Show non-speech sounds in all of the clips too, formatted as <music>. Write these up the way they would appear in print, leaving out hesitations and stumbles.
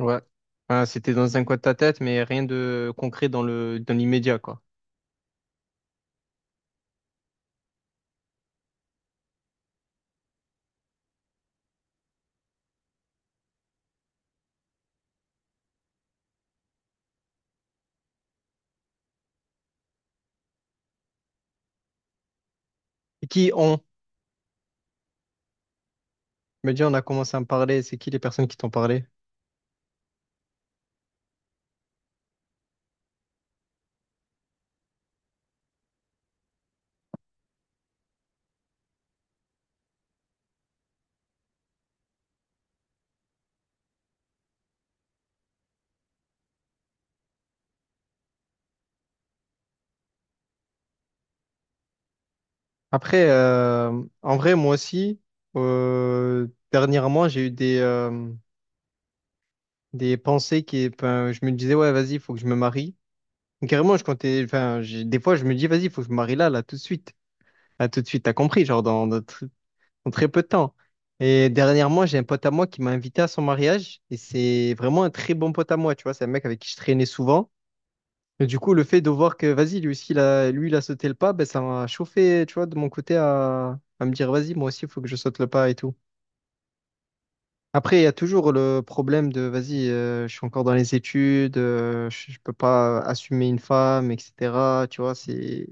Ouais. Enfin, c'était dans un coin de ta tête, mais rien de concret dans le dans l'immédiat, quoi. Et qui ont? Je me dis, on a commencé à me parler, c'est qui les personnes qui t'ont parlé? Après, en vrai, moi aussi, dernièrement, j'ai eu des pensées qui, enfin, je me disais, ouais, vas-y, il faut que je me marie. Carrément, je comptais, enfin, des fois, je me dis, vas-y, il faut que je me marie là, là, tout de suite. Là, tout de suite, t'as compris, genre, en très peu de temps. Et dernièrement, j'ai un pote à moi qui m'a invité à son mariage et c'est vraiment un très bon pote à moi, tu vois, c'est un mec avec qui je traînais souvent. Et du coup, le fait de voir que, vas-y, lui, il a sauté le pas, ben, ça m'a chauffé, tu vois, de mon côté à me dire, vas-y, moi aussi, il faut que je saute le pas et tout. Après, il y a toujours le problème de, vas-y, je suis encore dans les études, je peux pas assumer une femme, etc. Tu vois,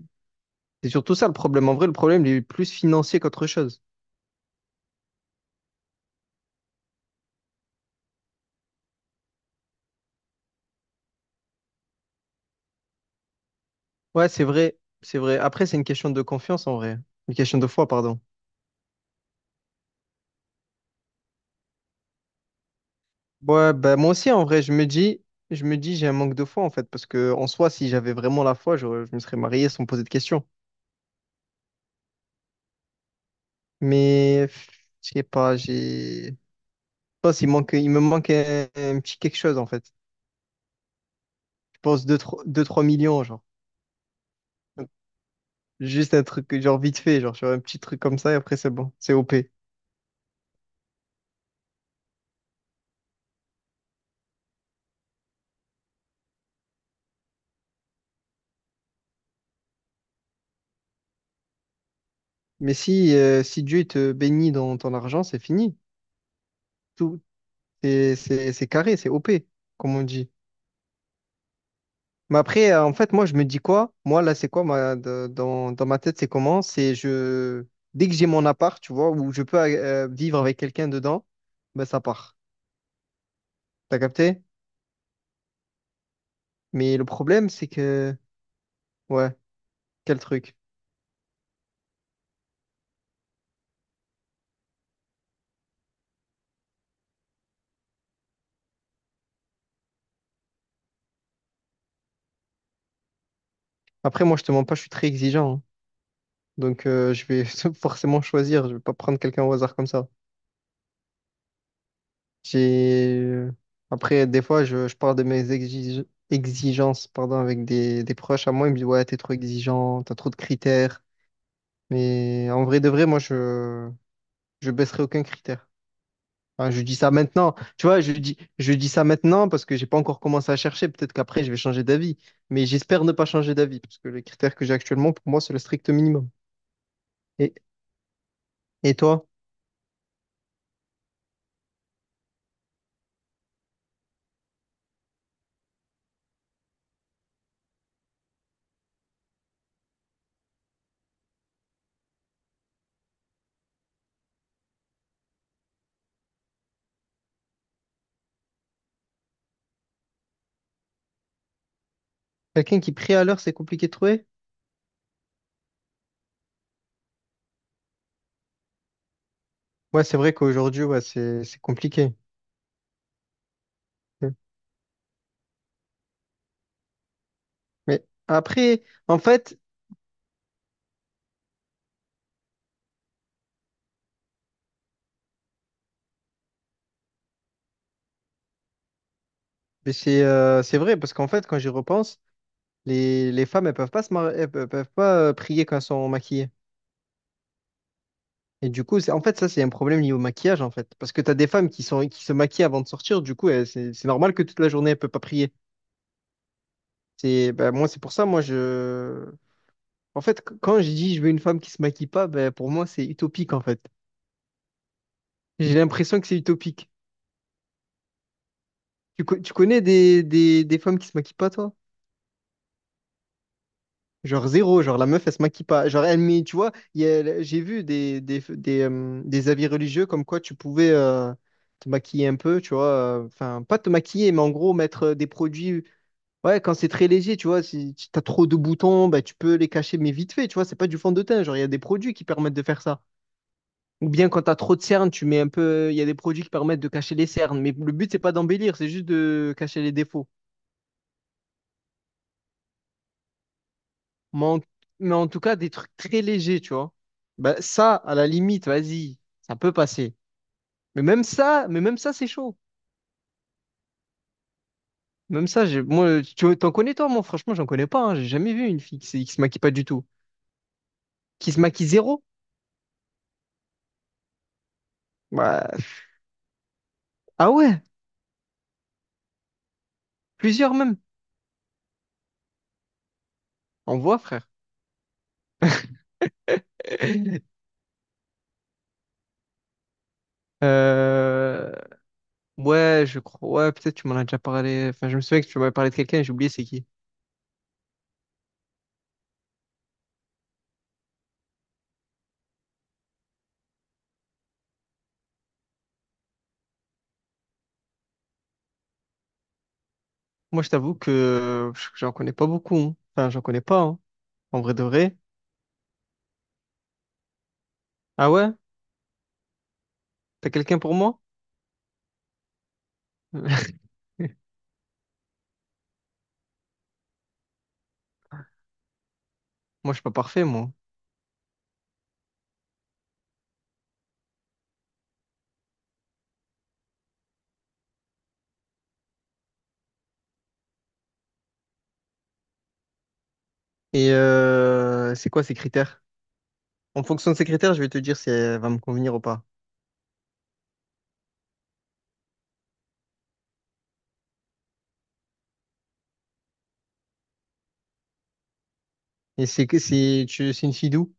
c'est surtout ça le problème. En vrai, le problème, il est plus financier qu'autre chose. Ouais, c'est vrai, c'est vrai. Après, c'est une question de confiance en vrai. Une question de foi, pardon. Ouais, bah moi aussi, en vrai, je me dis, j'ai un manque de foi, en fait, parce que en soi, si j'avais vraiment la foi, me serais marié sans me poser de questions. Mais, pff, je sais pas, je pense, il me manque un petit quelque chose, en fait. Je pense 2 3 millions, genre. Juste un truc, que, genre, vite fait, genre, sur un petit truc comme ça, et après, c'est bon, c'est OP. Mais si, si Dieu il te bénit dans ton argent, c'est fini. Tout, c'est carré, c'est OP, comme on dit. Mais après, en fait, moi, je me dis quoi? Moi, là, c'est quoi ma, de- dans, dans ma tête, c'est comment? C'est je dès que j'ai mon appart, tu vois, où je peux vivre avec quelqu'un dedans, ben ça part. T'as capté? Mais le problème, c'est que ouais, quel truc. Après, moi, je te mens pas, je suis très exigeant, hein. Donc, je vais <laughs> forcément choisir. Je vais pas prendre quelqu'un au hasard comme ça. J'ai Après, des fois, je parle de mes exigences, pardon, avec des proches à moi. Ils me disent, ouais, t'es trop exigeant, t'as trop de critères. Mais en vrai de vrai, moi, je baisserai aucun critère. Enfin, je dis ça maintenant. Tu vois, je dis ça maintenant parce que j'ai pas encore commencé à chercher. Peut-être qu'après, je vais changer d'avis. Mais j'espère ne pas changer d'avis parce que les critères que j'ai actuellement, pour moi, c'est le strict minimum. Et et toi, quelqu'un qui prie à l'heure, c'est compliqué de trouver? Ouais, c'est vrai qu'aujourd'hui, ouais, c'est compliqué. Mais après, en fait, mais c'est vrai parce qu'en fait, quand j'y repense, les femmes, elles peuvent pas se mar- elles peuvent pas prier quand elles sont maquillées. Et du coup, c'est, en fait, ça, c'est un problème lié au maquillage, en fait. Parce que tu as des femmes qui sont, qui se maquillent avant de sortir, du coup, c'est normal que toute la journée, elle peut pas prier. C'est, ben, moi, c'est pour ça, moi, je. En fait, quand je dis je veux une femme qui se maquille pas, ben, pour moi, c'est utopique, en fait. J'ai l'impression que c'est utopique. Tu connais des femmes qui se maquillent pas, toi? Genre zéro, genre la meuf, elle se maquille pas. Genre, elle met, tu vois, j'ai vu des avis religieux comme quoi tu pouvais, te maquiller un peu, tu vois, enfin pas te maquiller, mais en gros mettre des produits. Ouais, quand c'est très léger, tu vois, si tu as trop de boutons, bah, tu peux les cacher, mais vite fait, tu vois, c'est pas du fond de teint. Genre, il y a des produits qui permettent de faire ça. Ou bien quand tu as trop de cernes, tu mets un peu. Il y a des produits qui permettent de cacher les cernes. Mais le but, c'est pas d'embellir, c'est juste de cacher les défauts. Mais en, mais en tout cas, des trucs très légers, tu vois. Bah, ça, à la limite, vas-y, ça peut passer. Mais même ça, c'est chaud. Même ça, moi, tu t'en connais toi, moi, franchement, j'en connais pas, hein. J'ai jamais vu une fille qui se maquille pas du tout. Qui se maquille zéro. Bah, ah ouais, plusieurs même. On voit, frère. <laughs> Euh, Ouais, je crois. Ouais, peut-être tu m'en as déjà parlé. Enfin, je me souviens que tu m'avais parlé de quelqu'un et j'ai oublié c'est qui. Moi, je t'avoue que j'en connais pas beaucoup, hein. Enfin, j'en connais pas, hein. En vrai de vrai. Ah ouais? T'as quelqu'un pour moi? <laughs> Moi, je suis pas parfait, moi. Et c'est quoi ces critères? En fonction de ces critères, je vais te dire si elle va me convenir ou pas. Et c'est que c'est tu c'est une fille d'où?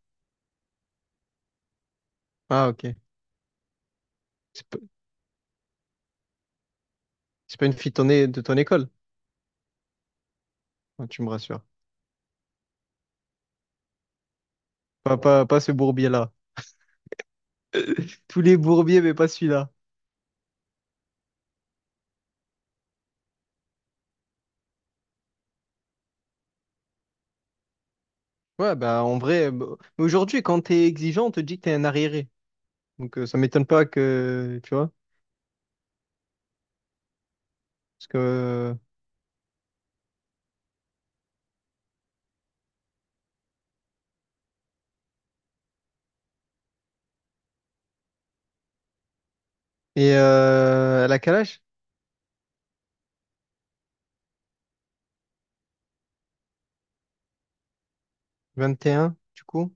Ah ok. C'est pas, c'est pas une fille de de ton école. Ah, tu me rassures. Pas ce bourbier-là. Tous les bourbiers, mais pas celui-là. Ouais, bah en vrai, bah, mais aujourd'hui, quand t'es exigeant, on te dit que t'es un arriéré. Donc ça m'étonne pas que, tu vois, parce que... Et elle a quel âge? 21, du coup?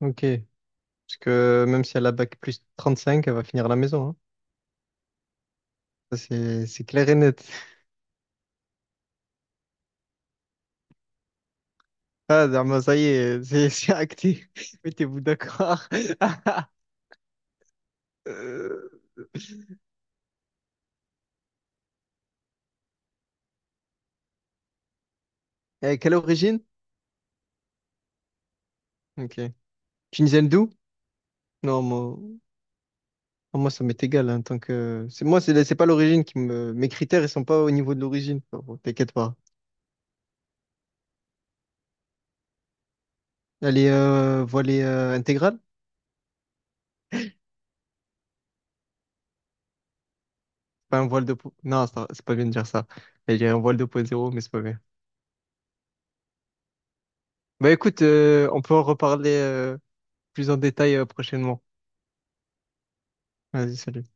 Ok. Parce que même si elle a bac plus 35, elle va finir à la maison, hein. Ça, c'est clair et net. Ah, Dharma, ça y est, <laughs> c'est acté. <laughs> Mettez-vous d'accord. <laughs> Euh, quelle origine? Ok. Tunisienne d'où? Non, moi, ah, moi, ça m'est égal, hein, tant que... C'est, moi, c'est pas l'origine qui me... Mes critères, ils sont pas au niveau de l'origine. Bon, t'inquiète pas. Elle est voilée intégrale? Pas un voile de... non, c'est pas bien de dire ça. Elle est un voile de point zéro mais c'est pas bien. Bah écoute, on peut en reparler plus en détail prochainement. Vas-y, salut.